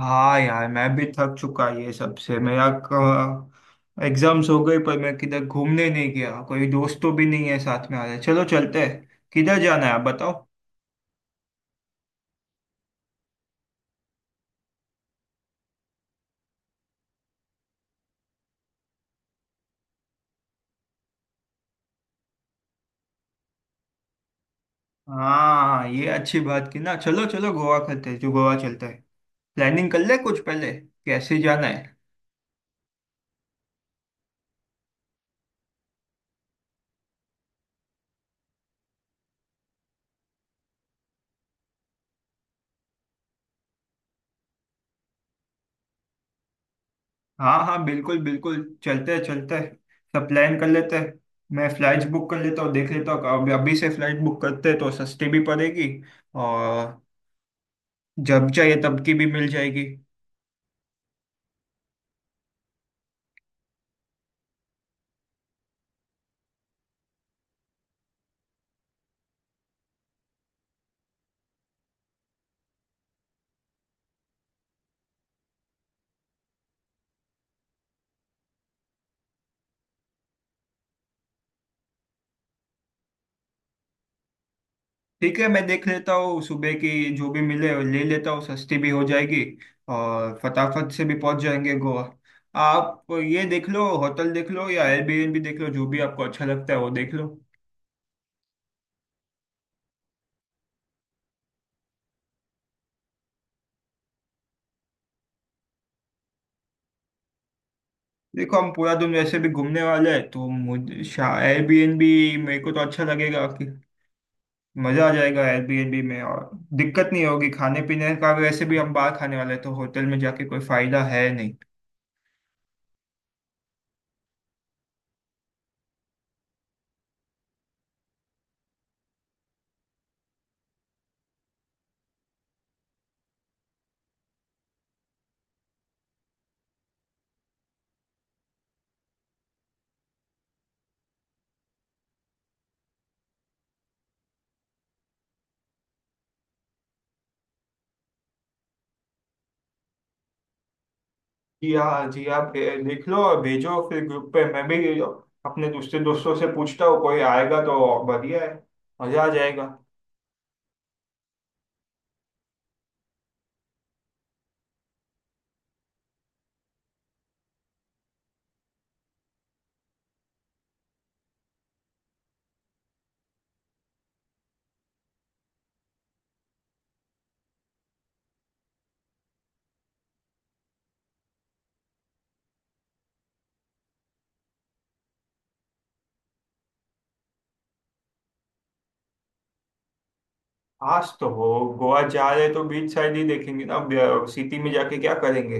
हाँ यार मैं भी थक चुका ये सबसे मेरा। एग्जाम्स हो गई पर मैं किधर घूमने नहीं गया, कोई दोस्त तो भी नहीं है साथ में आ रहे। चलो चलते हैं, किधर जाना है आप बताओ। हाँ ये अच्छी बात की ना, चलो चलो गोवा करते हैं, जो गोवा चलते हैं। प्लानिंग कर ले कुछ पहले। कैसे जाना है। हाँ हाँ बिल्कुल बिल्कुल। चलते हैं चलते हैं। सब प्लान कर लेते हैं। मैं फ्लाइट्स बुक कर लेता हूँ, देख लेता हूँ, अभी अभी से फ्लाइट बुक करते हैं तो सस्ती भी पड़ेगी। और जब चाहिए तब की भी मिल जाएगी। ठीक है, मैं देख लेता हूँ सुबह की। जो भी मिले ले लेता हूँ, सस्ती भी हो जाएगी। और फटाफट से भी पहुंच जाएंगे गोवा। आप ये देख लो, होटल देख लो या एयरबीएनबी देख लो, जो भी आपको अच्छा लगता है वो देख लो। देखो हम पूरा दिन वैसे भी घूमने वाले हैं तो मुझे एयरबीएनबी, मेरे को तो अच्छा लगेगा कि मजा आ जाएगा एयरबीएनबी में। और दिक्कत नहीं होगी खाने पीने का, भी वैसे भी हम बाहर खाने वाले हैं तो होटल में जाके कोई फायदा है नहीं। जी हाँ जी, आप लिख लो और भेजो फिर ग्रुप पे। मैं भी अपने दूसरे दोस्तों से पूछता हूँ, कोई आएगा तो बढ़िया है। मजा आ जाएगा। आज तो हो, गोवा जा रहे तो बीच साइड ही देखेंगे ना, अब सिटी में जाके क्या करेंगे।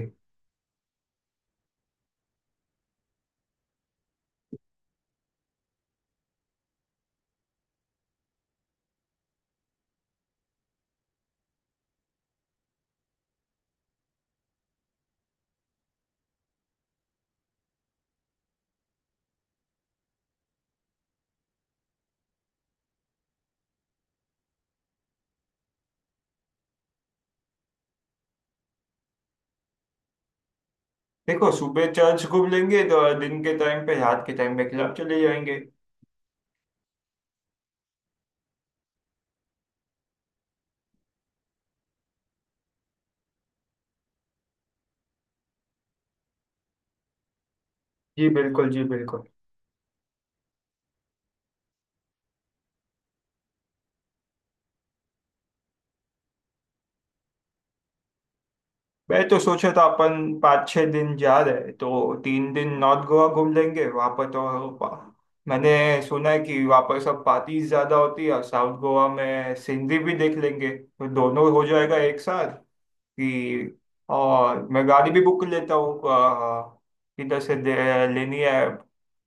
देखो, सुबह चर्च घूम लेंगे तो दिन के टाइम पे, रात के टाइम पे क्लब चले जाएंगे। जी बिल्कुल जी बिल्कुल। मैं तो सोचा था अपन 5-6 दिन जा रहे हैं, तो 3 दिन नॉर्थ गोवा घूम लेंगे, वहाँ पर तो मैंने सुना है कि वहाँ पर सब पार्टीज ज़्यादा होती है, और साउथ गोवा में सीनरी भी देख लेंगे तो दोनों हो जाएगा एक साथ कि। और मैं गाड़ी भी बुक कर लेता हूँ किधर से लेनी है।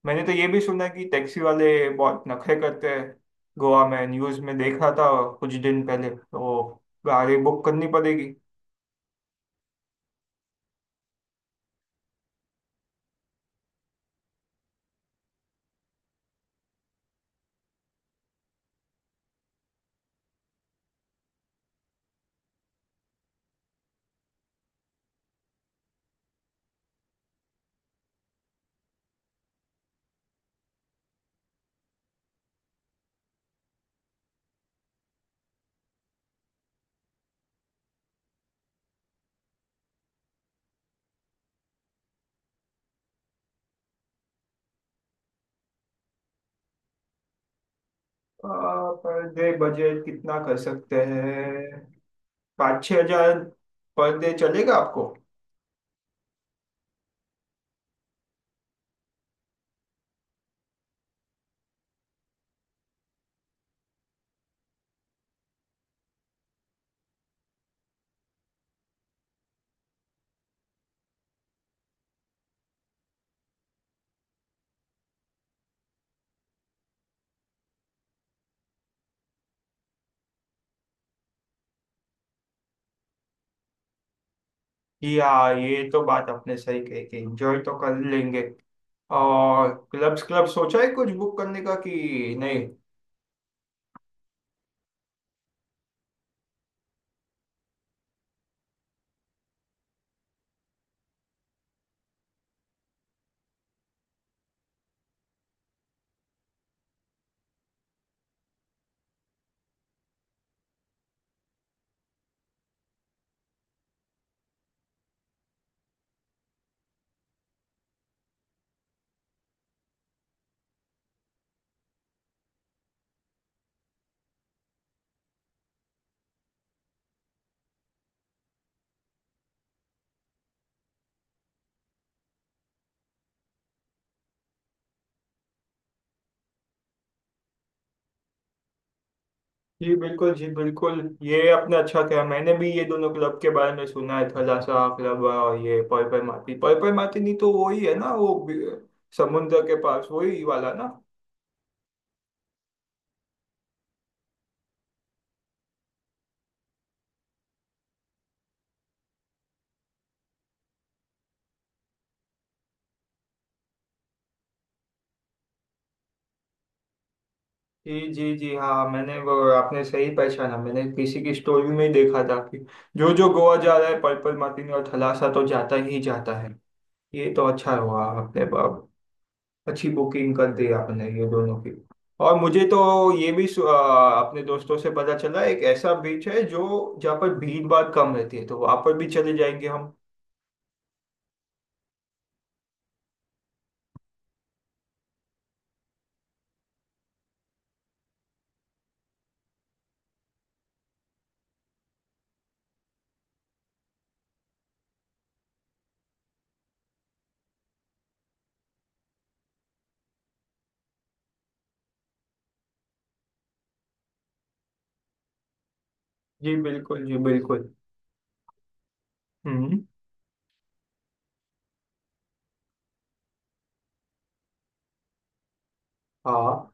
मैंने तो ये भी सुना है कि टैक्सी वाले बहुत नखरे करते हैं गोवा में, न्यूज़ में देखा था कुछ दिन पहले, तो गाड़ी बुक करनी पड़ेगी। पर डे बजट कितना कर सकते हैं, 5-6 हज़ार पर डे चलेगा आपको। या ये तो बात आपने सही कही कि एंजॉय तो कर लेंगे। और क्लब्स, क्लब सोचा है कुछ बुक करने का कि नहीं। जी बिल्कुल जी बिल्कुल, ये आपने अच्छा किया। मैंने भी ये दोनों क्लब के बारे में सुना है, थलासा क्लब और ये पर्पल मार्टिन, पर्पल मार्टिन ही तो वही है ना, वो समुद्र के पास वही वाला ना। जी जी जी हाँ, मैंने वो, आपने सही पहचाना, मैंने किसी की स्टोरी में ही देखा था कि जो जो गोवा जा रहा है पर्पल मार्टिनी और थलासा तो जाता ही जाता है। ये तो अच्छा हुआ आपने अच्छी बुकिंग कर दी आपने ये दोनों की। और मुझे तो ये भी अपने दोस्तों से पता चला, एक ऐसा बीच है जो, जहाँ पर भीड़ भाड़ कम रहती है, तो वहाँ पर भी चले जाएंगे हम। जी बिल्कुल जी बिल्कुल। हम्म। हाँ।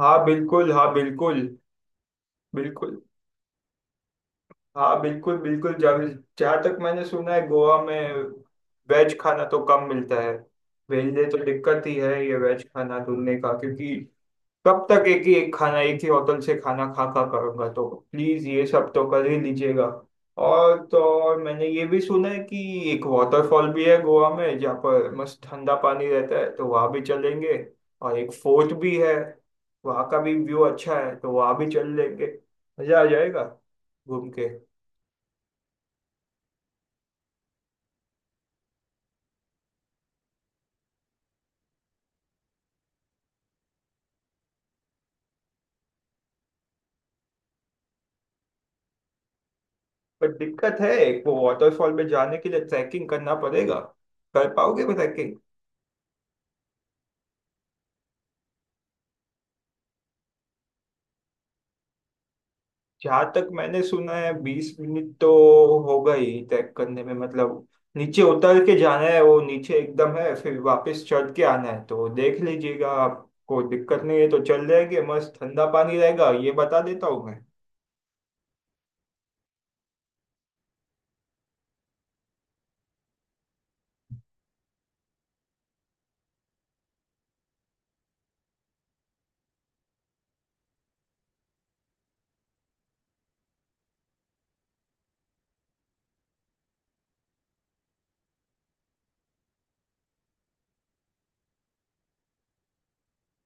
हाँ बिल्कुल बिल्कुल। हाँ बिल्कुल बिल्कुल। जब जहाँ तक मैंने सुना है गोवा में वेज खाना तो कम मिलता है, मेरे लिए तो दिक्कत ही है ये वेज खाना ढूंढने का, क्योंकि कब तक एक ही, एक खाना, एक ही होटल से खाना खा खा करूंगा, तो प्लीज ये सब तो कर ही लीजिएगा। और तो और मैंने ये भी सुना है कि एक वाटरफॉल भी है गोवा में, जहाँ पर मस्त ठंडा पानी रहता है, तो वहाँ भी चलेंगे। और एक फोर्ट भी है, वहाँ का भी व्यू अच्छा है तो वहाँ भी चल लेंगे। मजा आ जाएगा घूम के। पर दिक्कत है एक, वो वाटरफॉल में जाने के लिए ट्रैकिंग करना पड़ेगा। कर पाओगे वो ट्रैकिंग। जहाँ तक मैंने सुना है 20 मिनट तो होगा ही ट्रैक करने में। मतलब नीचे उतर के जाना है, वो नीचे एकदम है, फिर वापस चढ़ के आना है, तो देख लीजिएगा, आपको दिक्कत नहीं है तो चल जाएंगे। मस्त ठंडा पानी रहेगा ये बता देता हूँ मैं।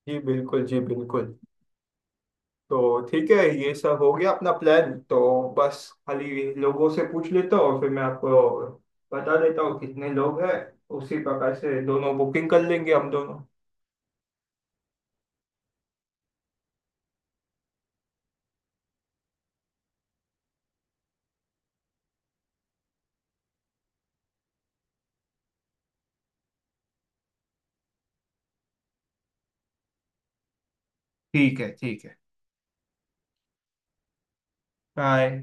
जी बिल्कुल जी बिल्कुल। तो ठीक है, ये सब हो गया अपना प्लान तो। बस खाली लोगों से पूछ लेता हूँ, और फिर मैं आपको बता देता हूँ कितने लोग हैं, उसी प्रकार से दोनों बुकिंग कर लेंगे हम दोनों। ठीक है ठीक है। बाय।